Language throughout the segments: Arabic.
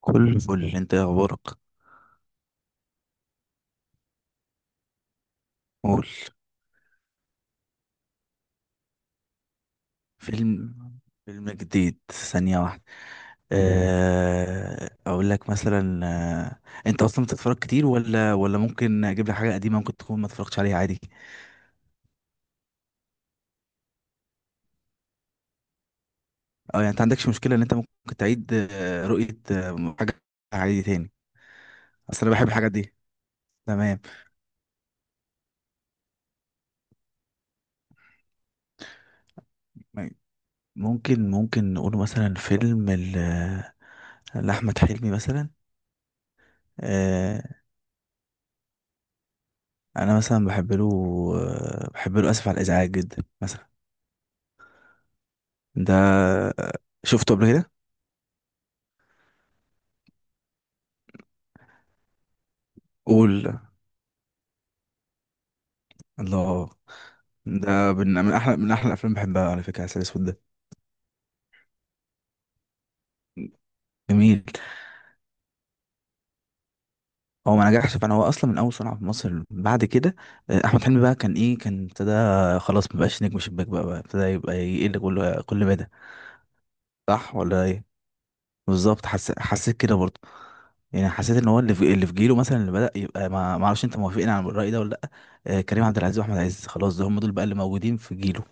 كله فل. انت؟ يا اخبارك. قول. فيلم فيلم جديد. ثانية واحدة. اقول لك مثلا. انت اصلا بتتفرج كتير ولا ممكن اجيب لك حاجة قديمة ممكن تكون ما اتفرجتش عليها عادي؟ اه، يعني انت عندكش مشكلة ان انت ممكن تعيد رؤية حاجة عادي تاني؟ اصل انا بحب الحاجات دي. تمام. ممكن نقول مثلا لأحمد حلمي مثلا. آه، انا مثلا بحب له. بحب له اسف على الازعاج جدا مثلا. ده شفته قبل كده. قول. الله، ده من احلى الافلام، بحبها على فكره، عسل اسود ده. جميل. هو ما نجحش، فانا هو اصلا من اول صنع في مصر. بعد كده احمد حلمي بقى كان ايه، كان ابتدى. خلاص ما بقاش نجم شباك، بقى ابتدى يبقى يقل كل مدى. صح ولا ايه؟ بالظبط، حسيت كده برضه. يعني حسيت ان هو اللي في جيله مثلا اللي بدأ يبقى ما اعرفش، انت موافقين على الرأي ده ولا لا؟ كريم عبد العزيز واحمد عز، خلاص ده هم دول بقى اللي موجودين في جيله.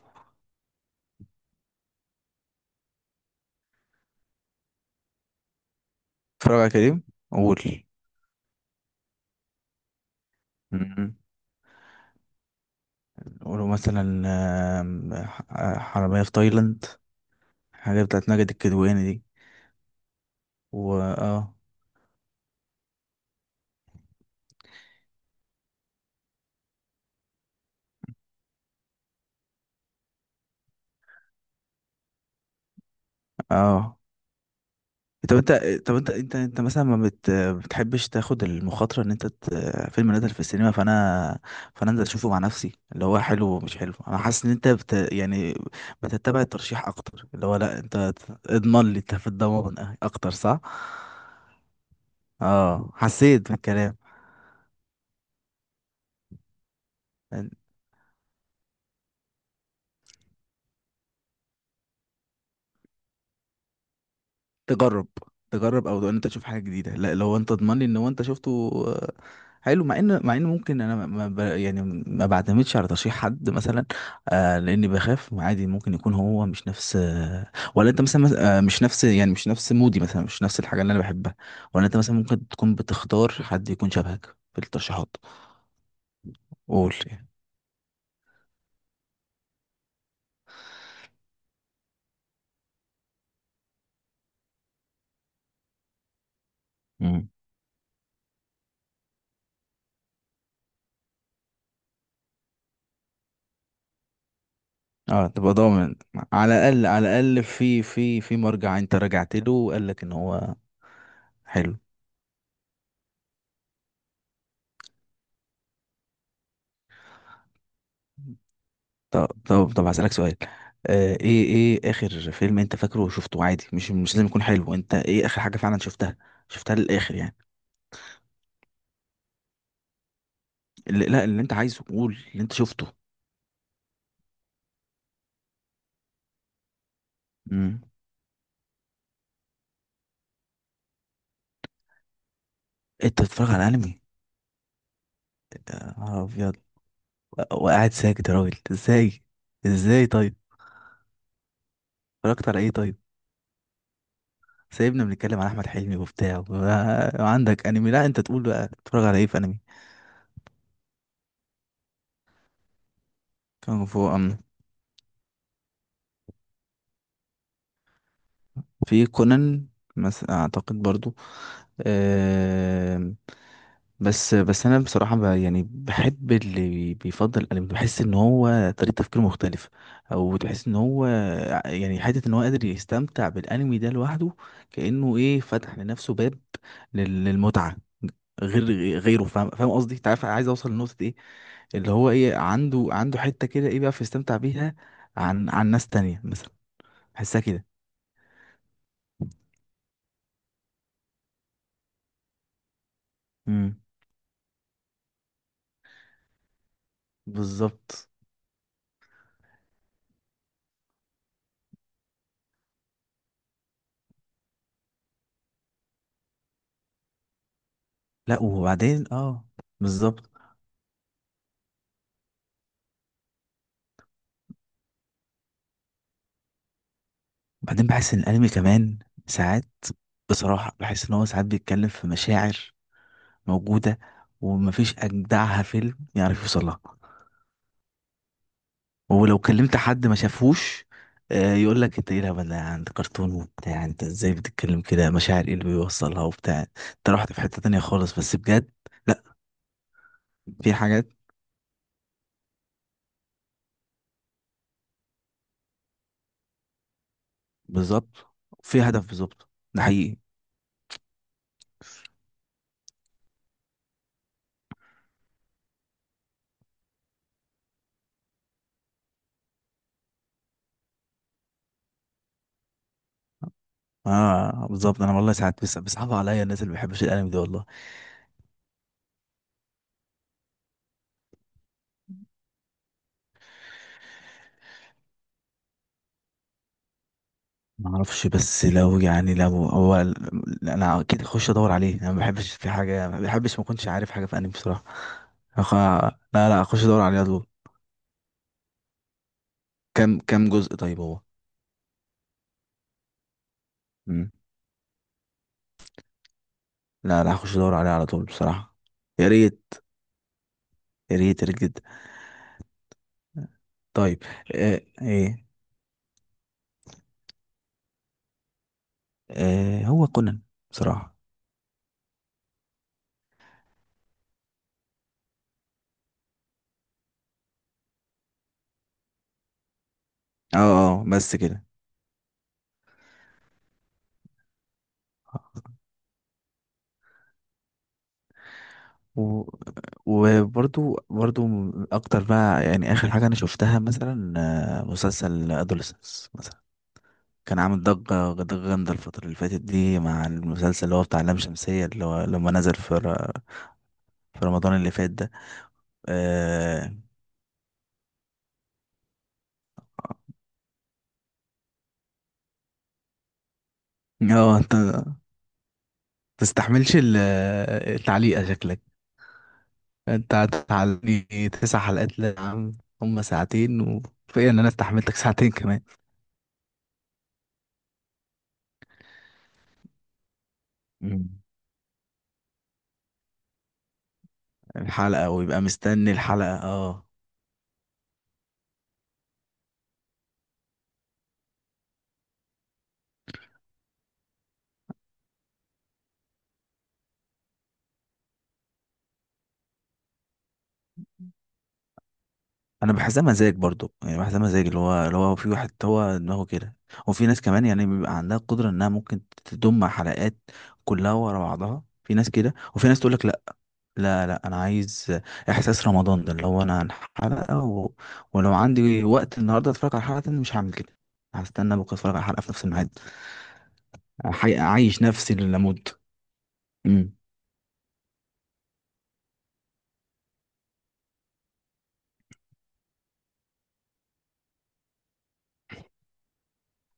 اتفرج على كريم. قول. مم. ولو مثلا حرامية في تايلاند، حاجة بتاعت ماجد الكدواني دي. و اه، اه. طب انت، طب انت مثلا ما بتحبش تاخد المخاطرة ان انت فيلم نزل في السينما، فانا انزل اشوفه مع نفسي اللي هو حلو ومش حلو. انا حاسس ان انت يعني بتتبع الترشيح اكتر، اللي هو لا انت اضمن لي، انت في الضمان اكتر، صح؟ اه، حسيت بالكلام. تجرب تجرب او ان انت تشوف حاجه جديده، لا، لو انت تضمن لي ان هو انت شفته حلو، مع ان ممكن انا ما ما ب... يعني ما بعتمدش على ترشيح حد مثلا. لاني بخاف عادي، ممكن يكون هو مش نفس ولا انت مثلا، مش نفس، يعني مش نفس مودي مثلا، مش نفس الحاجه اللي انا بحبها. ولا انت مثلا ممكن تكون بتختار حد يكون شبهك في الترشيحات. قول يعني. مم. اه تبقى ضامن. على الاقل على الاقل، في في مرجع انت رجعت له وقال لك ان هو حلو. طب هسألك سؤال. ايه اخر فيلم انت فاكره وشفته عادي، مش لازم يكون حلو، انت ايه اخر حاجة فعلا شفتها، شفتها للآخر يعني؟ اللي لا اللي انت عايزه قول، اللي انت شفته. امم. انت بتتفرج على انمي؟ يا نهار ابيض! وقاعد ساكت يا راجل، ازاي؟ ازاي طيب؟ اتفرجت على ايه طيب؟ سايبنا بنتكلم على احمد حلمي وبتاع وعندك انمي؟ لا، انت تقول بقى بتتفرج على ايه في انمي؟ كونغ فو. في كونان مثلا اعتقد برضو. آم، بس انا بصراحه ب يعني بحب اللي بيفضل الانمي، بحس ان هو طريقه تفكيره مختلفه. او تحس ان هو يعني حته ان هو قادر يستمتع بالانمي ده لوحده، كانه ايه فتح لنفسه باب للمتعه، غير غيره. فاهم قصدي، انت عارف عايز اوصل لنقطه ايه. اللي هو ايه عنده حته كده ايه، بيعرف يستمتع بيها عن ناس تانية مثلا. بحسها كده. امم. بالظبط. لا وبعدين اه. بالظبط. وبعدين بحس ان الانمي كمان ساعات، بصراحة بحس ان هو ساعات بيتكلم في مشاعر موجودة، ومفيش اجدعها فيلم يعرف يوصلها. ولو كلمت حد ما شافهوش، يقول لك انت ايه الهبل ده، عند كرتون وبتاع، انت ازاي بتتكلم كده، مشاعر ايه اللي بيوصلها وبتاع، انت رحت في حتة تانية خالص. بس بجد، لا، في حاجات. بالظبط. في هدف، بالظبط، ده حقيقي. اه بالظبط، انا والله ساعات بس بيصعب عليا الناس اللي ما بيحبش الانمي ده والله. ما اعرفش، بس لو يعني لو هو، لا، انا اكيد اخش ادور عليه. انا ما بحبش في حاجه، ما بحبش ما اكونش عارف حاجه في انمي بصراحه. لا، لا، اخش ادور عليه على طول. كم جزء طيب هو؟ مم. لا، لا، اخش ادور عليه على طول بصراحه. يا ريت. يا ريت، يا ريت جدا. طيب، ايه؟ هو كونان بصراحه. اه، اه، بس كده. و... برضو اكتر بقى، يعني اخر حاجه انا شفتها مثلا مسلسل ادولسنس. كان عامل ضجة جامدة الفترة اللي فاتت دي، مع المسلسل اللي هو بتاع لام شمسية، اللي هو لما نزل في رمضان اللي فات ده. اه. انت تستحملش التعليقة شكلك. انت هتعلقني 9 حلقات؟ لا يا عم، هما ساعتين وفي ان انا استحملتك ساعتين كمان. مم. الحلقة، ويبقى مستني الحلقة، اه. انا بحسها مزاج برضو، يعني بحسها مزاج، اللي هو في واحد هو دماغه كده، وفي ناس كمان يعني بيبقى عندها قدرة انها ممكن تضم حلقات كلها ورا بعضها. في ناس كده وفي ناس تقول لك لا. لا، لا، انا عايز احساس رمضان ده، اللي هو انا عن حلقة. ولو عندي وقت النهارده اتفرج على حلقة تانية مش هعمل كده، هستنى بكره اتفرج على حلقة في نفس الميعاد. اعيش نفسي للموت.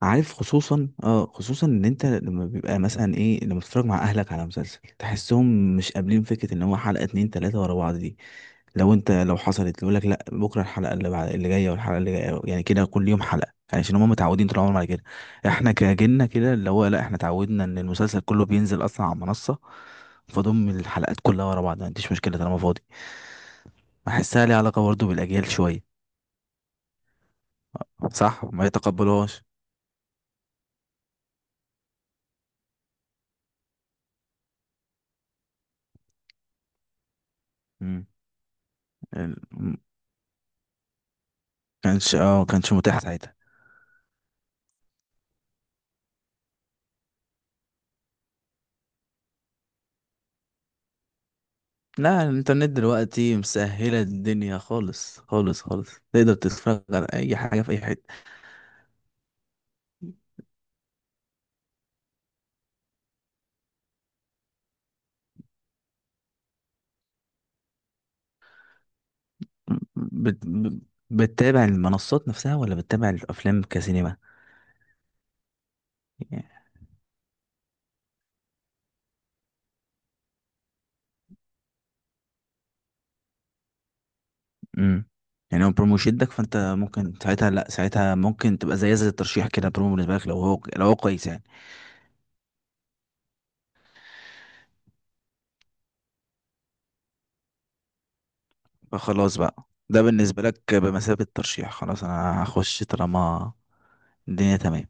عارف، خصوصا خصوصا ان انت لما بيبقى مثلا ايه، لما تتفرج مع اهلك على مسلسل تحسهم مش قابلين فكره ان هو حلقه اتنين تلاته ورا بعض دي. لو حصلت يقول لك لا بكره الحلقه اللي بعد اللي جايه والحلقه اللي جايه، يعني كده كل يوم حلقه، يعني عشان هم متعودين طول عمرهم على كده. احنا كجيلنا كده اللي هو لا، احنا اتعودنا ان المسلسل كله بينزل اصلا على منصه، فضم الحلقات كلها ورا بعض ما عنديش مشكله طالما فاضي. بحسها ليها علاقه برضه بالاجيال شويه. صح، ما يتقبلوهاش. امم. ال- كانش متاح ساعتها. لا، الانترنت دلوقتي مسهلة الدنيا، خالص خالص خالص تقدر تتفرج على اي حاجة في اي حتة. بت... ب- بتتابع المنصات نفسها ولا بتتابع الافلام كسينما؟ امم. يعني هو برومو شدك، فانت ممكن ساعتها لا، ساعتها ممكن تبقى زي الترشيح كده، برومو بالنسبة لك لو هو كويس يعني. فخلاص بقى، ده بالنسبة لك بمثابة ترشيح، خلاص انا هخش طالما الدنيا تمام.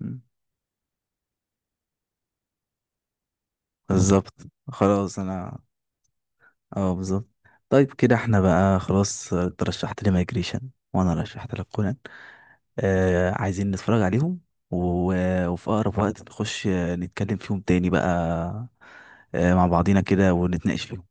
مم. بالظبط. خلاص انا اه، بالظبط. طيب كده احنا بقى خلاص، ترشحت لي مايجريشن، وانا رشحت لك كونان. عايزين نتفرج عليهم وفي اقرب وقت نخش نتكلم فيهم تاني بقى مع بعضينا كده ونتناقش فيهم.